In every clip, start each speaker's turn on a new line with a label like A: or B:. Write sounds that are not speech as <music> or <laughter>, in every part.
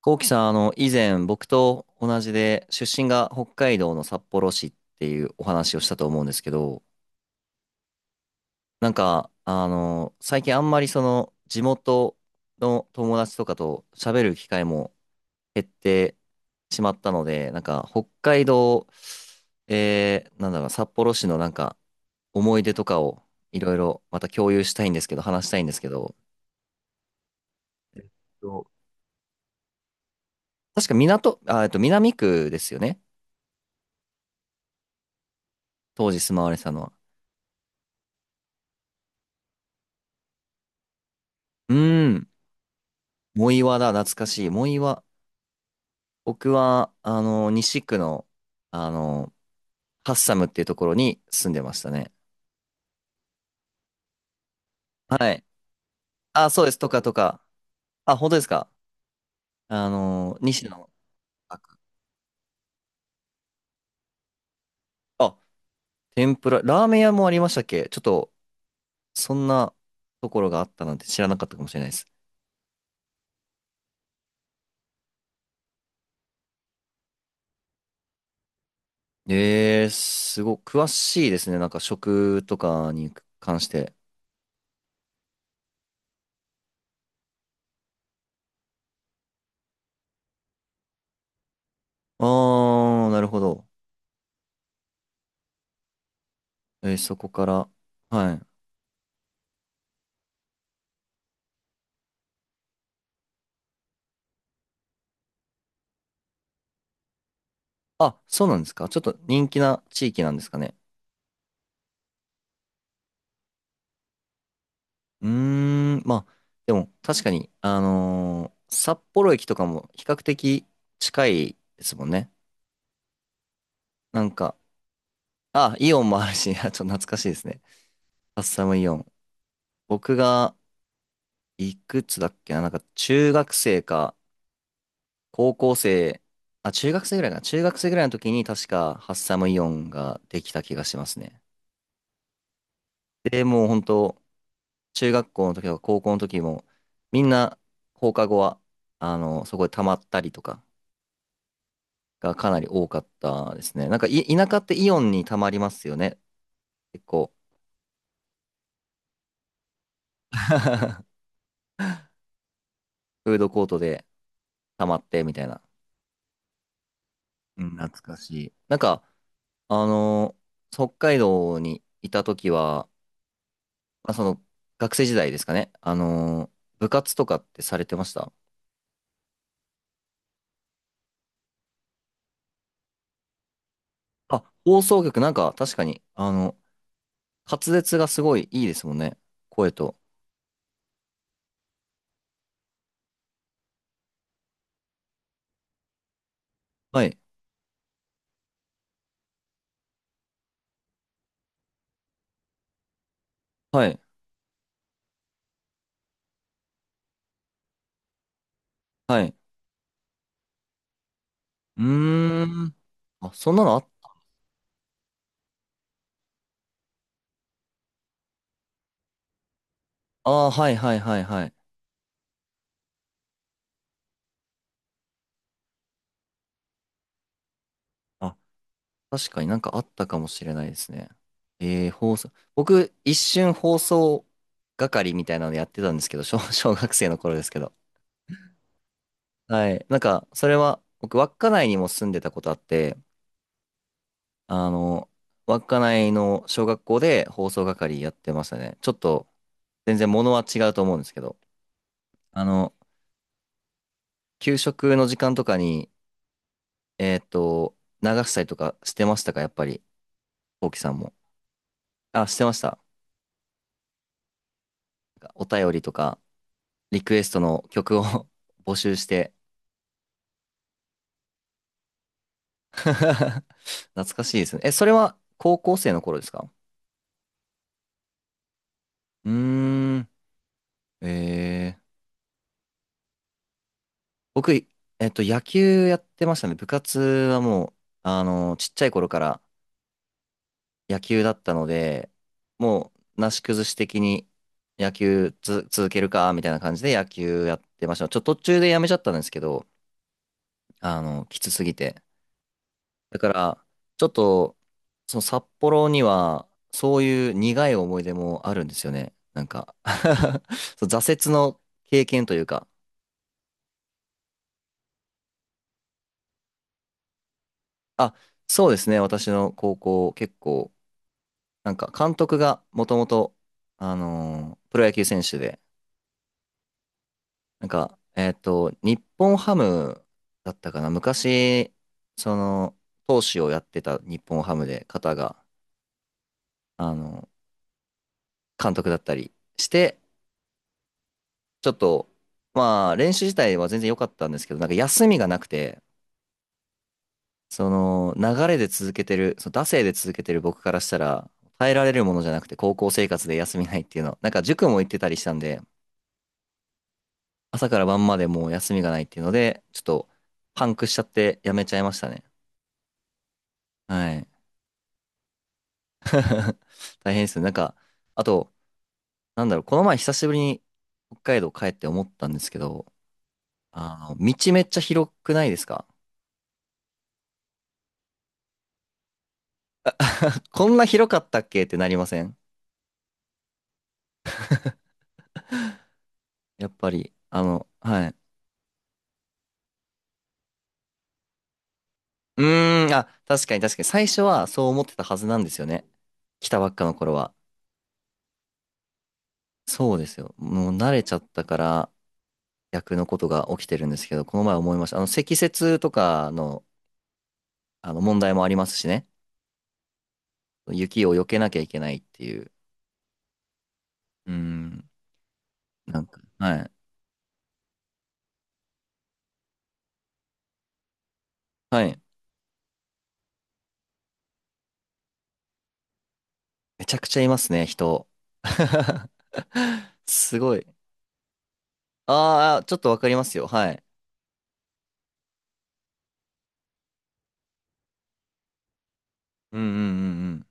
A: こうきさん、以前僕と同じで出身が北海道の札幌市っていうお話をしたと思うんですけど、なんか、最近あんまりその地元の友達とかと喋る機会も減ってしまったので、なんか北海道、なんだろう、札幌市のなんか思い出とかをいろいろまた共有したいんですけど、話したいんですけど、そう確か港、あ、えっと、南区ですよね。当時住まわれてたのは。うーん。藻岩だ、懐かしい。藻岩。僕は、西区の、あの、ハッサムっていうところに住んでましたね。はい。あ、そうです。とかとか。あ、本当ですか。西の。あ、あ、天ぷら。ラーメン屋もありましたっけちょっと、そんなところがあったなんて知らなかったかもしれないです。すごい、詳しいですね。なんか食とかに関して。あー、なるほど。そこから。はい。あ、そうなんですか。ちょっと人気な地域なんですかね。うーん、まあ、でも確かに、札幌駅とかも比較的近いですもんね。なんか、あ、イオンもあるし、<laughs> あちょっと懐かしいですね。カッサムイオン。僕が、いくつだっけな、なんか中学生か、高校生、あ、中学生ぐらいかな。中学生ぐらいの時に確かハッサムイオンができた気がしますね。で、もう本当中学校の時とか高校の時も、みんな放課後は、そこで溜まったりとか、がかなり多かったですね。なんかい、田舎ってイオンにたまりますよね。結構。<laughs> フードコートでたまってみたいな。うん、懐かしい。なんか、あのー北海道にいた時は、まあ、その、学生時代ですかね。部活とかってされてました？あ、放送局なんか確かに、滑舌がすごいいいですもんね。声と。はい、はい、はい。うーん。あ、そんなのあ、あーはいはいはいはい。あ確かになんかあったかもしれないですね。放送。僕、一瞬放送係みたいなのやってたんですけど、小、<laughs> 小学生の頃ですけど。はい。なんか、それは、僕、稚内にも住んでたことあって、あの、稚内の小学校で放送係やってましたね。ちょっと、全然物は違うと思うんですけど、あの、給食の時間とかに、えっと、流したりとかしてましたか、やっぱり、こうきさんも？あ、してました。お便りとか。リクエストの曲を <laughs> 募集して <laughs> 懐かしいですね。え、それは高校生の頃ですか？うーん、えー、僕、野球やってましたね。部活はもう、ちっちゃい頃から野球だったので、もう、なし崩し的に野球続けるか、みたいな感じで野球やってました。ちょっと途中でやめちゃったんですけど、きつすぎて。だから、ちょっと、その札幌には、そういう苦い思い出もあるんですよね。なんか <laughs> そう挫折の経験というか、あ、そうですね、私の高校、結構、なんか監督がもともと、プロ野球選手で、なんか、日本ハムだったかな、昔、その、投手をやってた日本ハムで、方が、あの、監督だったりして、ちょっと、まあ、練習自体は全然良かったんですけど、なんか休みがなくて、その、流れで続けてる、その、惰性で続けてる僕からしたら、耐えられるものじゃなくて、高校生活で休みないっていうの。なんか塾も行ってたりしたんで、朝から晩までもう休みがないっていうので、ちょっと、パンクしちゃってやめちゃいましたね。はい。<laughs> 大変ですね。なんか、あと、なんだろう、この前久しぶりに北海道帰って思ったんですけど、道めっちゃ広くないですか？ <laughs> こんな広かったっけってなりません？やっぱり、はい。うーん、あ、確かに確かに。最初はそう思ってたはずなんですよね。来たばっかの頃は。そうですよ。もう慣れちゃったから逆のことが起きてるんですけど、この前思いました。積雪とかの、あの問題もありますしね。雪を避けなきゃいけないっていう。うーん、なんか、はい。はい。めちゃくちゃいますね、人。<laughs> すごい。ああ、ちょっとわかりますよ。はい。うんうんうんうん。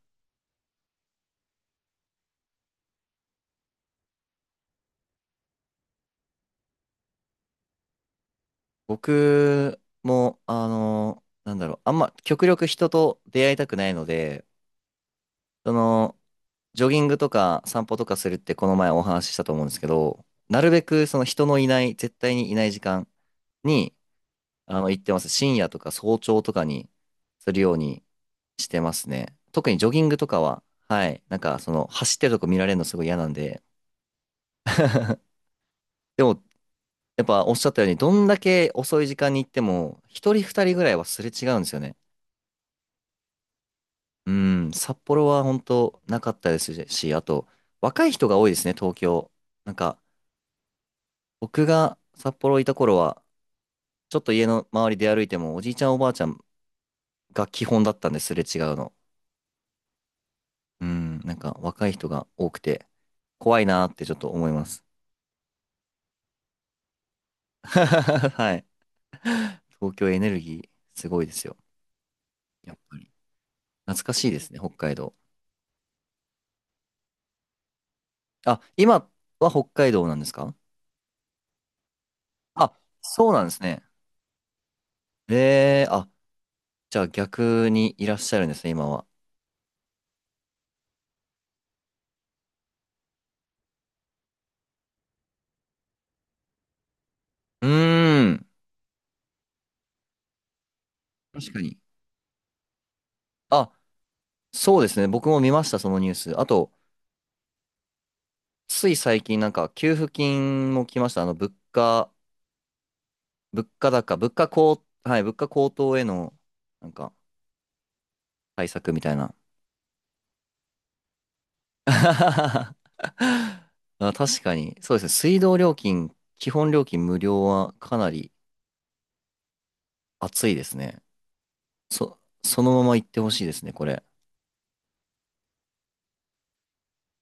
A: 僕も、なんだろう、あんま極力人と出会いたくないので、その、ジョギングとか散歩とかするってこの前お話ししたと思うんですけど、なるべくその人のいない、絶対にいない時間に、行ってます。深夜とか早朝とかにするようにしてますね。特にジョギングとかは、はい、なんかその、走ってるとこ見られるのすごい嫌なんで、<laughs> でも、やっぱおっしゃったように、どんだけ遅い時間に行っても、一人二人ぐらいはすれ違うんですよね。うん、札幌は本当なかったですし、あと、若い人が多いですね、東京。なんか、僕が札幌いた頃は、ちょっと家の周りで歩いても、おじいちゃんおばあちゃんが基本だったんです、すれ違うの。うん、なんか若い人が多くて、怖いなーってちょっと思います。<laughs> はい。東京エネルギー、すごいですよ。やっぱり。懐かしいですね、北海道。あ、今は北海道なんですか？あ、そうなんですね。あ、じゃあ逆にいらっしゃるんですね、今は。うーん。確かに。あ、そうですね。僕も見ました、そのニュース。あと、つい最近なんか給付金も来ました。物価、物価高、はい、物価高騰への、なんか、対策みたいな。<laughs> あ、確かに。そうですね。水道料金、基本料金無料はかなり熱いですね。そ、そのまま行ってほしいですね、これ。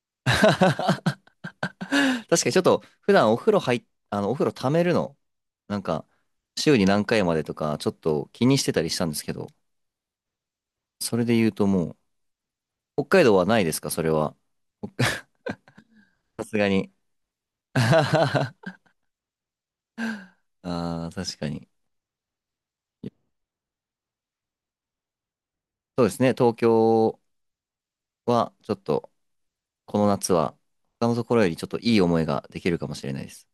A: <laughs> <laughs> 確かにちょっと普段お風呂溜めるの、なんか、週に何回までとか、ちょっと気にしてたりしたんですけど、それで言うともう、北海道はないですか？それは。ほ <laughs> さすがに。<laughs> ああ、確かに。そうですね、東京はちょっと、この夏は、他のところよりちょっといい思いができるかもしれないです。